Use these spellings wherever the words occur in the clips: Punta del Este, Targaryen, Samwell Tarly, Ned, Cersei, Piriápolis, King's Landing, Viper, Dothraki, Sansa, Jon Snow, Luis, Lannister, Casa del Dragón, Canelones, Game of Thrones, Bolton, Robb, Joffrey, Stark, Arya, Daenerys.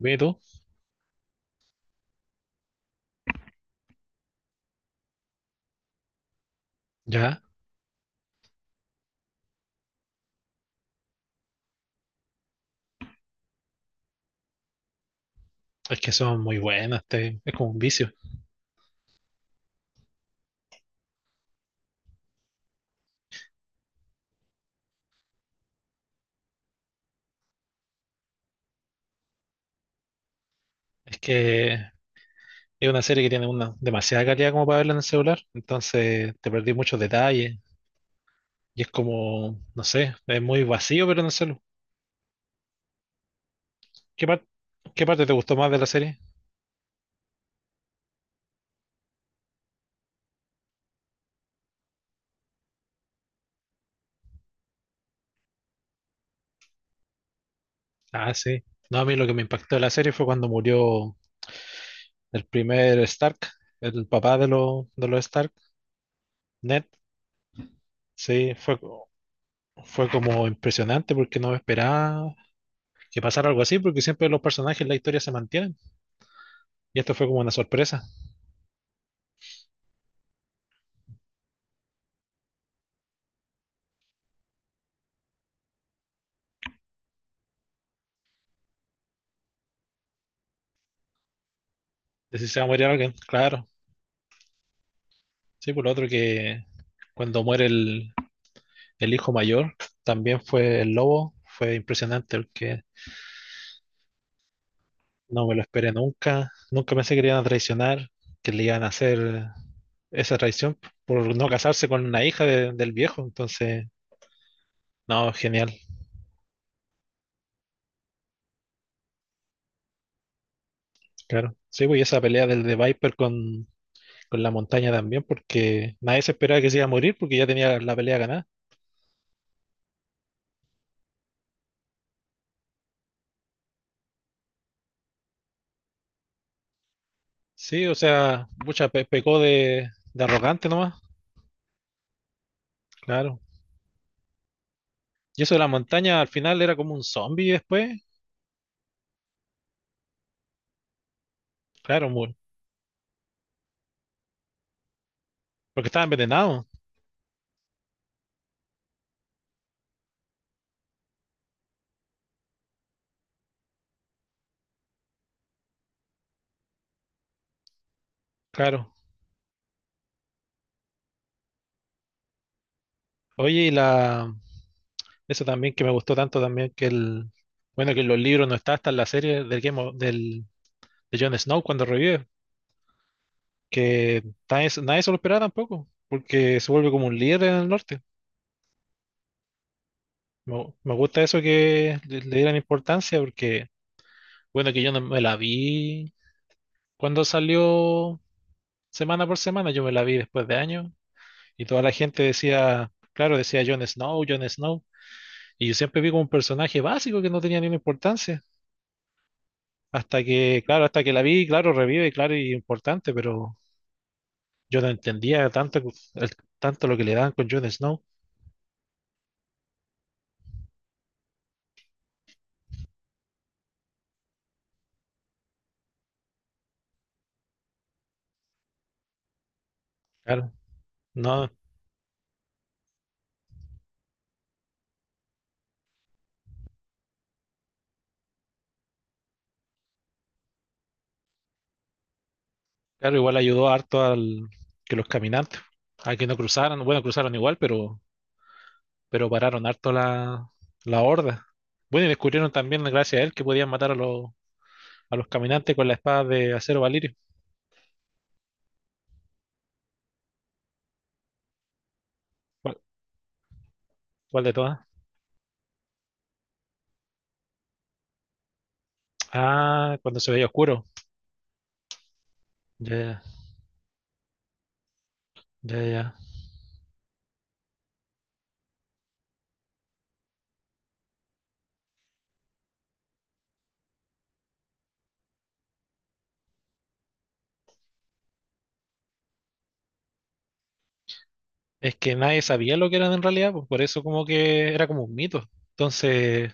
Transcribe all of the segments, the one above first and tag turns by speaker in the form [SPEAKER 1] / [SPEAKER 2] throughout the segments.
[SPEAKER 1] Ve tú, ya. Es que son muy buenas, es como un vicio. Es que es una serie que tiene una demasiada calidad como para verla en el celular, entonces te perdí muchos detalles y es como, no sé, es muy vacío, pero en el celular. ¿Qué par- qué parte te gustó más de la serie? Ah, sí. No, a mí lo que me impactó de la serie fue cuando murió el primer Stark, el papá los de los Stark, Ned. Sí, fue como impresionante porque no me esperaba que pasara algo así, porque siempre los personajes en la historia se mantienen. Y esto fue como una sorpresa, de si se va a morir alguien, claro. Sí, por lo otro que cuando muere el hijo mayor, también fue el lobo, fue impresionante porque no me lo esperé nunca, nunca pensé que le iban a traicionar, que le iban a hacer esa traición por no casarse con una hija del viejo, entonces, no, genial, claro. Sí, pues y esa pelea del de Viper con la montaña también, porque nadie se esperaba que se iba a morir porque ya tenía la pelea ganada. Sí, o sea, mucha pecó de arrogante nomás, claro. Y eso de la montaña al final era como un zombie después, claro, porque estaba envenenado, claro. Oye, y la, eso también que me gustó tanto también que bueno, que en los libros no está hasta en la serie del Game of- del, de Jon Snow cuando revive, que nadie se lo esperaba tampoco, porque se vuelve como un líder en el norte. Me gusta eso que le dieran importancia porque, bueno, que yo no me la vi cuando salió. Semana por semana yo me la vi después de años y toda la gente decía, claro, decía Jon Snow, Jon Snow, y yo siempre vi como un personaje básico que no tenía ninguna importancia, hasta que, claro, hasta que la vi, claro, revive, claro, y importante, pero yo no entendía tanto, el- tanto lo que le daban con Jon Snow, claro, no, claro, igual ayudó harto al que los caminantes, a que no cruzaran, bueno, cruzaron igual, pero pararon harto la horda. Bueno, y descubrieron también, gracias a él, que podían matar a los caminantes con la espada de acero Valirio. ¿Cuál, cuál de todas? Ah, cuando se veía oscuro. Ya, ya, ya. Es que nadie sabía lo que eran en realidad, pues por eso como que era como un mito. Entonces,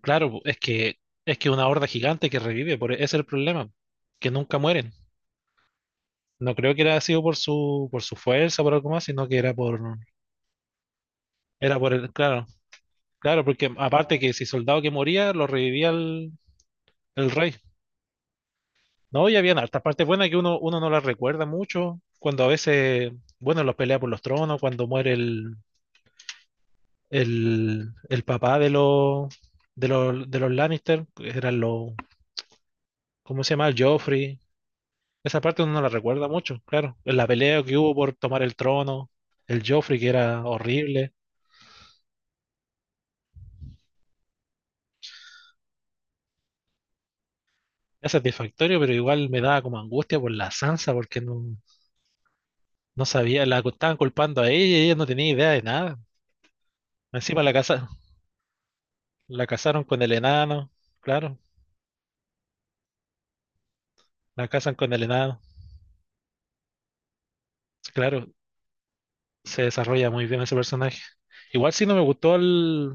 [SPEAKER 1] claro, pues, es que una horda gigante que revive, ese es el problema, que nunca mueren. No creo que era sido por su fuerza, por algo más, sino que era por el, claro, claro, porque aparte que si soldado que moría lo revivía el rey. No, y habían hartas partes buenas que uno no las recuerda mucho. Cuando a veces, bueno, los pelea por los tronos, cuando muere el papá de los Lannister, que eran los, ¿cómo se llama? El Joffrey. Esa parte uno no la recuerda mucho, claro. La pelea que hubo por tomar el trono, el Joffrey que era horrible. Es satisfactorio, pero igual me daba como angustia por la Sansa, porque no sabía, la cu- estaban culpando a ella y ella no tenía idea de nada. Encima la casaron con el enano, claro. La casan con el enano. Claro, se desarrolla muy bien ese personaje. Igual sí no me gustó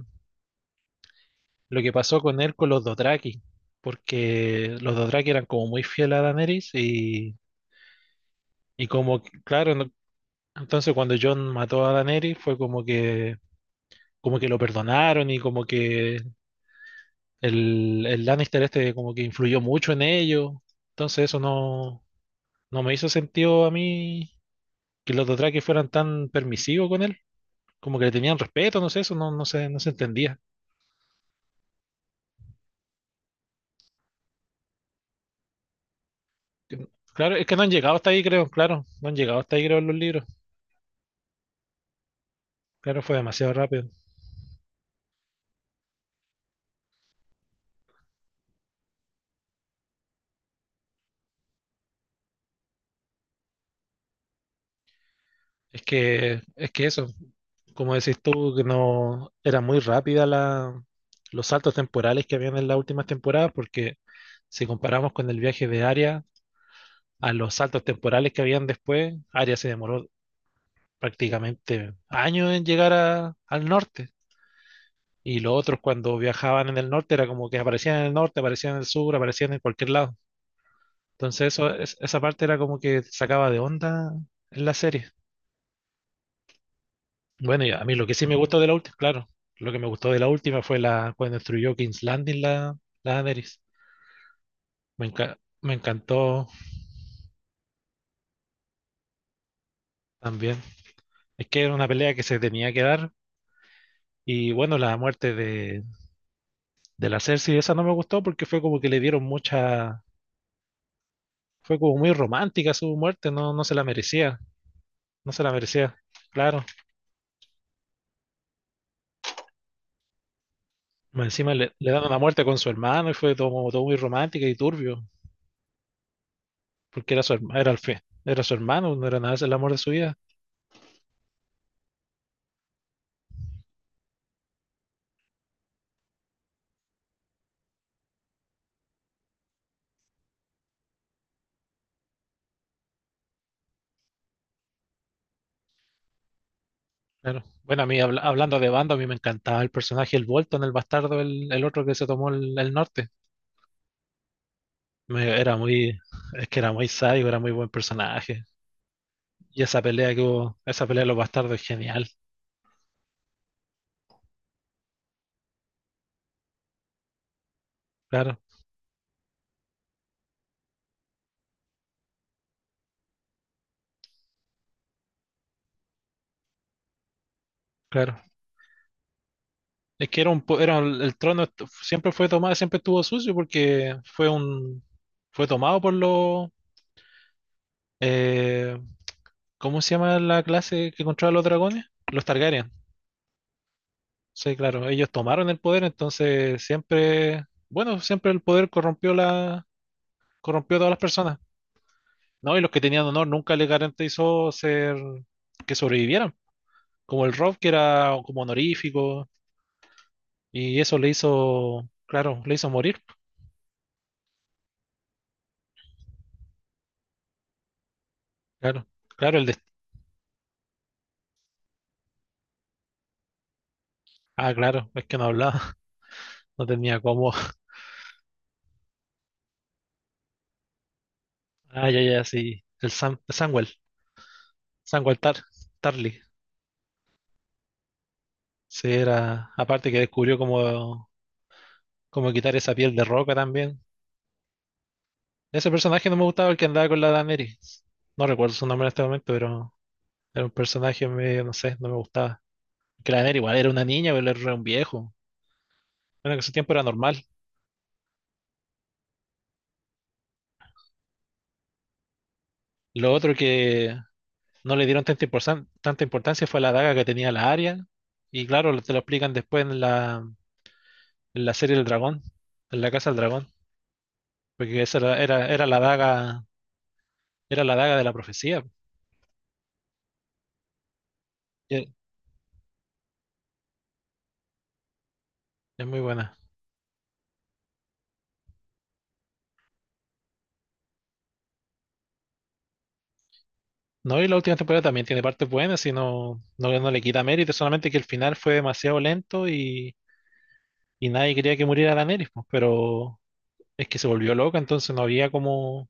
[SPEAKER 1] lo que pasó con él con los Dothraki, porque los Dothraki eran como muy fieles a Daenerys y como, que, claro, entonces cuando Jon mató a Daenerys fue como que lo perdonaron y como que el Lannister este como que influyó mucho en ello. Entonces eso no me hizo sentido a mí que los Dothraki fueran tan permisivos con él, como que le tenían respeto, no sé, eso no, no se entendía. Que- Claro, es que no han llegado hasta ahí, creo, claro, no han llegado hasta ahí, creo, en los libros. Claro, fue demasiado rápido. Es que eso, como decís tú, que no era muy rápida los saltos temporales que habían en las últimas temporadas, porque si comparamos con el viaje de Arya a los saltos temporales que habían después, Arya se demoró prácticamente años en llegar al norte. Y los otros cuando viajaban en el norte era como que aparecían en el norte, aparecían en el sur, aparecían en cualquier lado. Entonces eso, esa parte era como que sacaba de onda en la serie. Bueno, y a mí lo que sí me gustó de la última, claro, lo que me gustó de la última fue la cuando destruyó King's Landing la Daenerys. Me enca- me encantó también. Es que era una pelea que se tenía que dar. Y bueno, la muerte de la Cersei, esa no me gustó porque fue como que le dieron mucha, fue como muy romántica su muerte, no se la merecía, no se la merecía. Claro, más encima le dan una muerte con su hermano y fue todo, todo muy romántico y turbio, porque era su hermano, era su hermano, no era nada, es el amor de su vida. Claro. Bueno, a mí hablando de banda, a mí me encantaba el personaje, el Bolton, el bastardo, el otro que se tomó el norte. Me- era muy, es que era muy sádico, era muy buen personaje. Y esa pelea que hubo, esa pelea de los bastardos es genial, claro, claro. Es que era el trono siempre fue tomado, siempre estuvo sucio porque fue tomado por los, eh, ¿cómo se llama la clase que controla los dragones? Los Targaryen. Sí, claro, ellos tomaron el poder, entonces siempre, bueno, siempre el poder corrompió a todas las personas. No, y los que tenían honor nunca les garantizó ser que sobrevivieran, como el Rob que era como honorífico y eso le hizo, claro, le hizo morir. Claro, claro, ah, claro, es que no hablaba, no tenía cómo. Ah, ya, ya, sí, Samwell Tarly. Sí, era, aparte que descubrió como Como quitar esa piel de roca también. Ese personaje no me gustaba, el que andaba con la Daenerys. No recuerdo su nombre en este momento, pero era un personaje medio, no sé, no me gustaba. Que la Daenerys igual era una niña, pero era un viejo. Bueno, que en su tiempo era normal. Lo otro que no le dieron tanta importancia fue la daga que tenía la Arya. Y claro, te lo explican después en la serie del dragón, en la Casa del Dragón. Porque esa era la daga de la profecía. Y es muy buena. No, y la última temporada también tiene partes buenas y no le quita mérito, solamente que el final fue demasiado lento y nadie quería que muriera Daenerys, pues, pero es que se volvió loca, entonces no había como,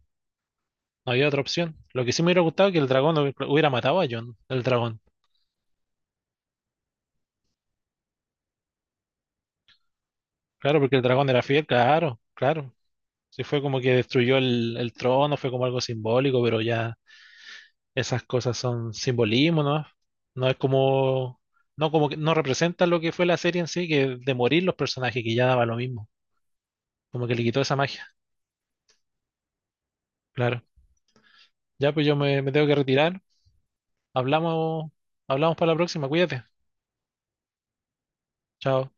[SPEAKER 1] no había otra opción. Lo que sí me hubiera gustado es que el dragón no hubiera matado a Jon, el dragón. Claro, porque el dragón era fiel, claro, claro. Sí fue como que destruyó el trono, fue como algo simbólico, pero ya esas cosas son simbolismo, ¿no? No es como, no como que no representa lo que fue la serie en sí, que de morir los personajes, que ya daba lo mismo. Como que le quitó esa magia. Claro. Ya, pues yo me tengo que retirar. Hablamos, hablamos para la próxima. Cuídate. Chao.